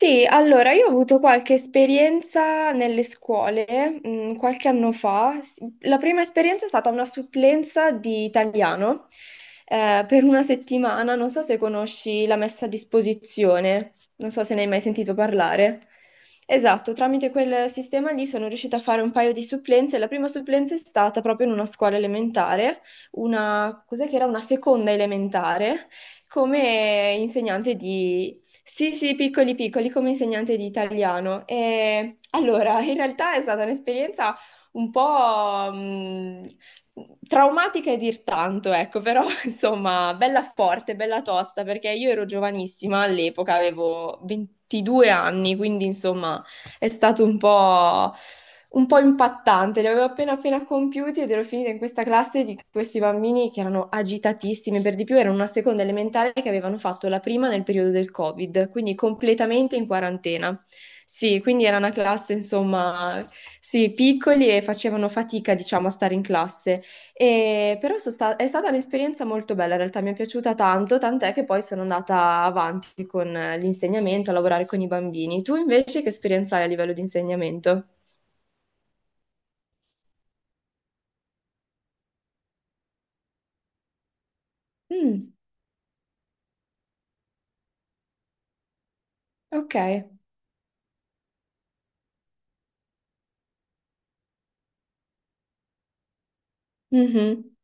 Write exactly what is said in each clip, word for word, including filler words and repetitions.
Sì, allora io ho avuto qualche esperienza nelle scuole, mh, qualche anno fa. S- La prima esperienza è stata una supplenza di italiano, eh, per una settimana. Non so se conosci la messa a disposizione, non so se ne hai mai sentito parlare. Esatto, tramite quel sistema lì sono riuscita a fare un paio di supplenze. La prima supplenza è stata proprio in una scuola elementare, una, cos'è che era? Una seconda elementare come insegnante di Sì, sì, piccoli piccoli come insegnante di italiano. E, allora, in realtà è stata un'esperienza un po' mh, traumatica, e dir tanto, ecco, però insomma, bella forte, bella tosta, perché io ero giovanissima all'epoca, avevo ventidue anni. Quindi insomma è stato un po' un po' impattante, li avevo appena appena compiuti ed ero finita in questa classe di questi bambini che erano agitatissimi, per di più erano una seconda elementare che avevano fatto la prima nel periodo del Covid, quindi completamente in quarantena. Sì, quindi era una classe, insomma, sì, piccoli e facevano fatica, diciamo, a stare in classe. E- però so sta- è stata un'esperienza molto bella, in realtà mi è piaciuta tanto, tant'è che poi sono andata avanti con eh, l'insegnamento, a lavorare con i bambini. Tu invece che esperienza hai a livello di insegnamento? Mm, ok. Mhm,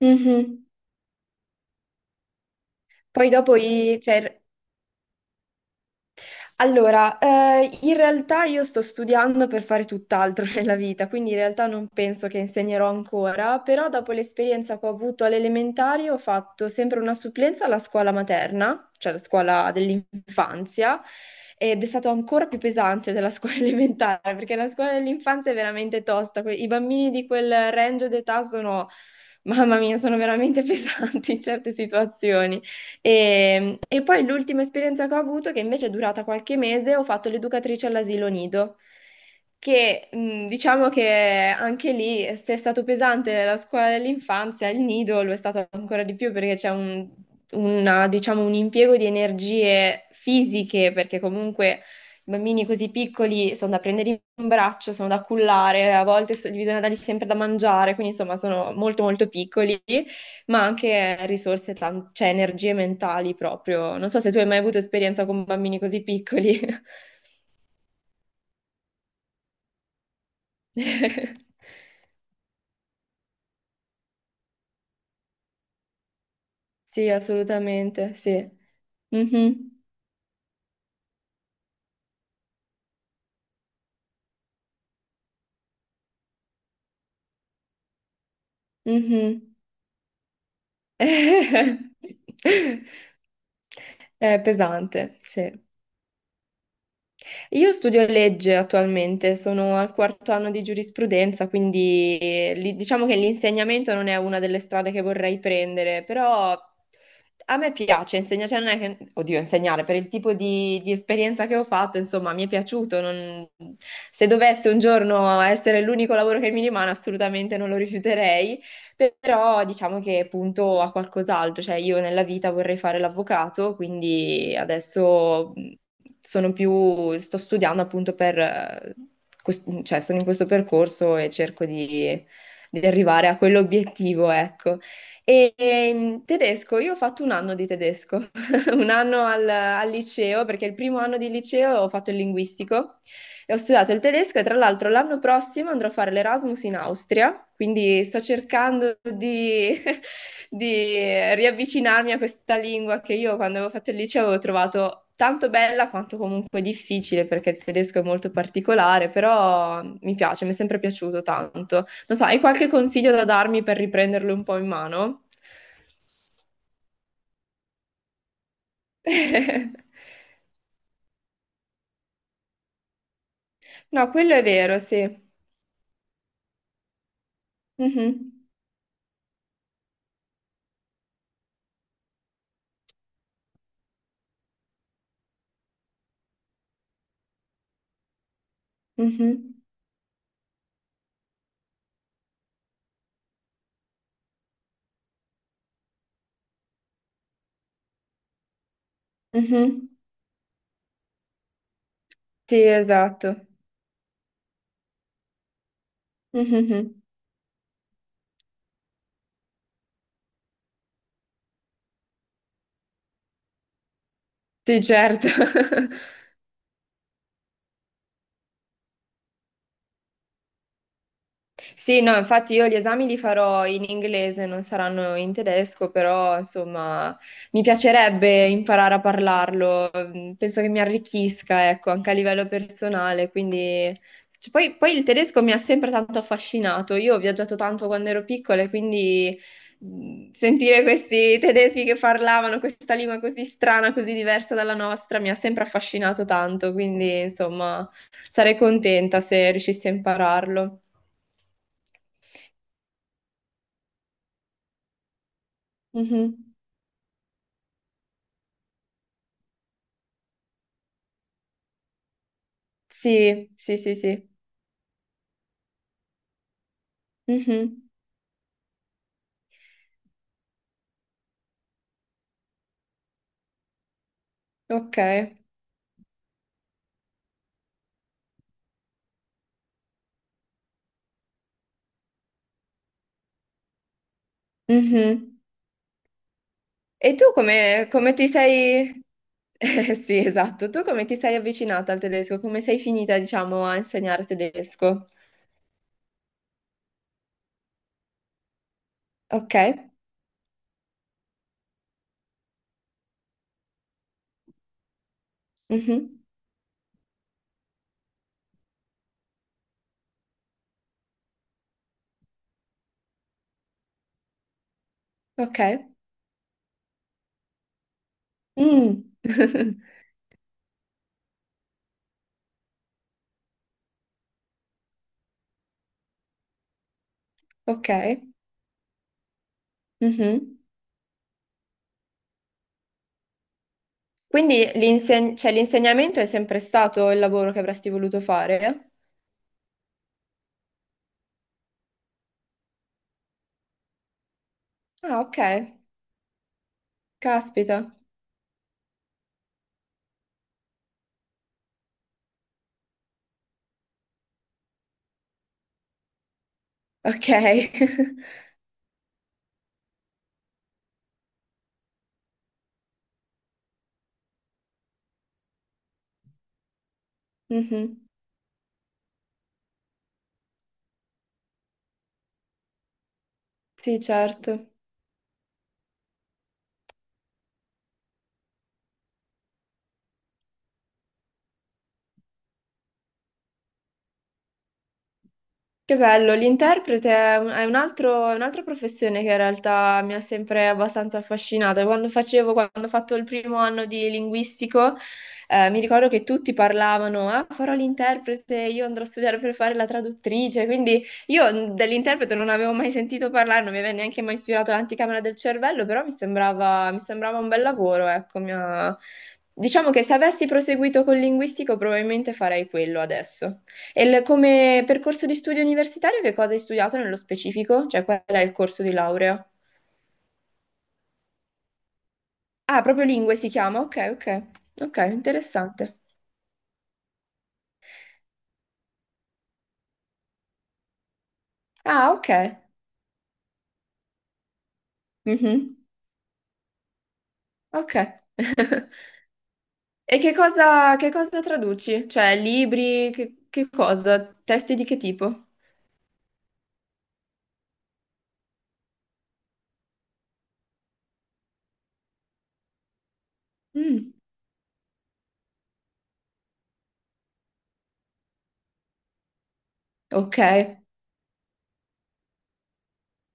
mhm. Poi dopo i, cioè, Allora, eh, in realtà io sto studiando per fare tutt'altro nella vita, quindi in realtà non penso che insegnerò ancora, però dopo l'esperienza che ho avuto alle elementari ho fatto sempre una supplenza alla scuola materna, cioè la scuola dell'infanzia, ed è stato ancora più pesante della scuola elementare, perché la scuola dell'infanzia è veramente tosta, que- I bambini di quel range d'età sono, mamma mia, sono veramente pesanti in certe situazioni. E, e poi l'ultima esperienza che ho avuto, che invece è durata qualche mese, ho fatto l'educatrice all'asilo nido, che mh, diciamo che anche lì, se è stato pesante la scuola dell'infanzia, il nido lo è stato ancora di più perché c'è un, una- diciamo, un impiego di energie fisiche, perché comunque... I bambini così piccoli sono da prendere in braccio, sono da cullare, a volte so- gli bisogna dargli sempre da mangiare, quindi insomma sono molto molto piccoli, ma anche risorse, tan- cioè energie mentali proprio. Non so se tu hai mai avuto esperienza con bambini così piccoli. Sì, assolutamente, sì. Mhm, mhm. È pesante, sì. Io studio legge attualmente, sono al quarto anno di giurisprudenza, quindi eh, li- diciamo che l'insegnamento non è una delle strade che vorrei prendere, però a me piace insegnare, cioè non è che, oddio, insegnare per il tipo di, di esperienza che ho fatto, insomma, mi è piaciuto. non- Se dovesse un giorno essere l'unico lavoro che mi rimane, assolutamente non lo rifiuterei, però diciamo che punto a qualcos'altro, cioè io nella vita vorrei fare l'avvocato, quindi adesso mh, sono più, sto studiando appunto per, eh, quest- cioè sono in questo percorso e cerco di, di arrivare a quell'obiettivo, ecco. E, e, mh, tedesco, io ho fatto un anno di tedesco, un anno al, al liceo, perché il primo anno di liceo ho fatto il linguistico. E ho studiato il tedesco e tra l'altro l'anno prossimo andrò a fare l'Erasmus in Austria, quindi sto cercando di, di riavvicinarmi a questa lingua che io quando avevo fatto il liceo avevo trovato tanto bella quanto comunque difficile, perché il tedesco è molto particolare, però mi piace, mi è sempre piaciuto tanto. Non so, hai qualche consiglio da darmi per riprenderlo un po' in mano? No, quello è vero, sì. Mhm, mhm, mhm. Sì, esatto. Mhm. Sì, certo. Sì, no, infatti io gli esami li farò in inglese, non saranno in tedesco, però insomma mi piacerebbe imparare a parlarlo, mm, penso che mi arricchisca, ecco, anche a livello personale, quindi... cioè, poi, poi, il tedesco mi ha sempre tanto affascinato, io ho viaggiato tanto quando ero piccola e quindi mm, sentire questi tedeschi che parlavano questa lingua così strana, così diversa dalla nostra, mi ha sempre affascinato tanto, quindi insomma... Sarei contenta se riuscissi a impararlo. Mhm. Sì, sì, sì, sì. Mhm. Ok. Mhm. E tu come, come ti sei... Eh, sì, esatto. Tu come ti sei avvicinata al tedesco? Come sei finita, diciamo, a insegnare tedesco? Ok. Mhm. Ok. Mm. Ok. Mhm. Quindi l'inseg- cioè, l'insegnamento è sempre stato il lavoro che avresti voluto fare? Ah, ok. Caspita, ok. Mhm. Sì, certo. Che bello, l'interprete è un- è un altro- è un'altra professione che in realtà mi ha sempre abbastanza affascinata. Quando facevo, quando ho fatto il primo anno di linguistico, eh, mi ricordo che tutti parlavano, ah, farò l'interprete, io andrò a studiare per fare la traduttrice, quindi io mh, dell'interprete non avevo mai sentito parlare, non mi aveva neanche mai ispirato l'anticamera del cervello, però mi sembrava, mi sembrava un bel lavoro, ecco, mi ha- diciamo che se avessi proseguito con linguistico probabilmente farei quello adesso. E il- come percorso di studio universitario che cosa hai studiato nello specifico? Cioè qual è il corso di laurea? Ah, proprio lingue si chiama? Ok, ok. Ok, interessante. Ah, ok. Mhm. Ok. E che cosa, che cosa traduci? Cioè libri, che, che cosa? Testi di che tipo? Mm, ok,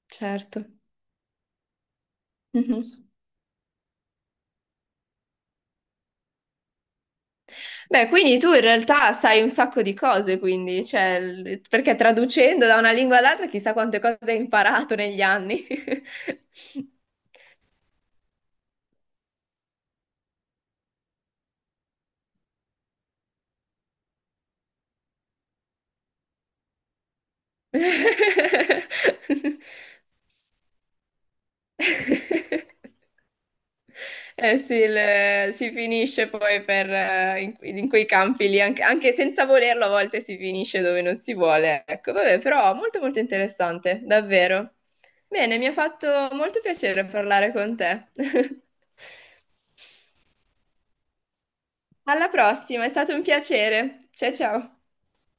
certo. Mhm. Beh, quindi tu in realtà sai un sacco di cose, quindi, cioè, l- perché traducendo da una lingua all'altra chissà quante cose hai imparato negli anni. Eh sì, il- si finisce poi per, eh, in, in quei campi lì, anche, anche senza volerlo, a volte si finisce dove non si vuole. Ecco, vabbè, però molto molto interessante, davvero. Bene, mi ha fatto molto piacere parlare con te. Alla prossima, è stato un piacere. Ciao ciao.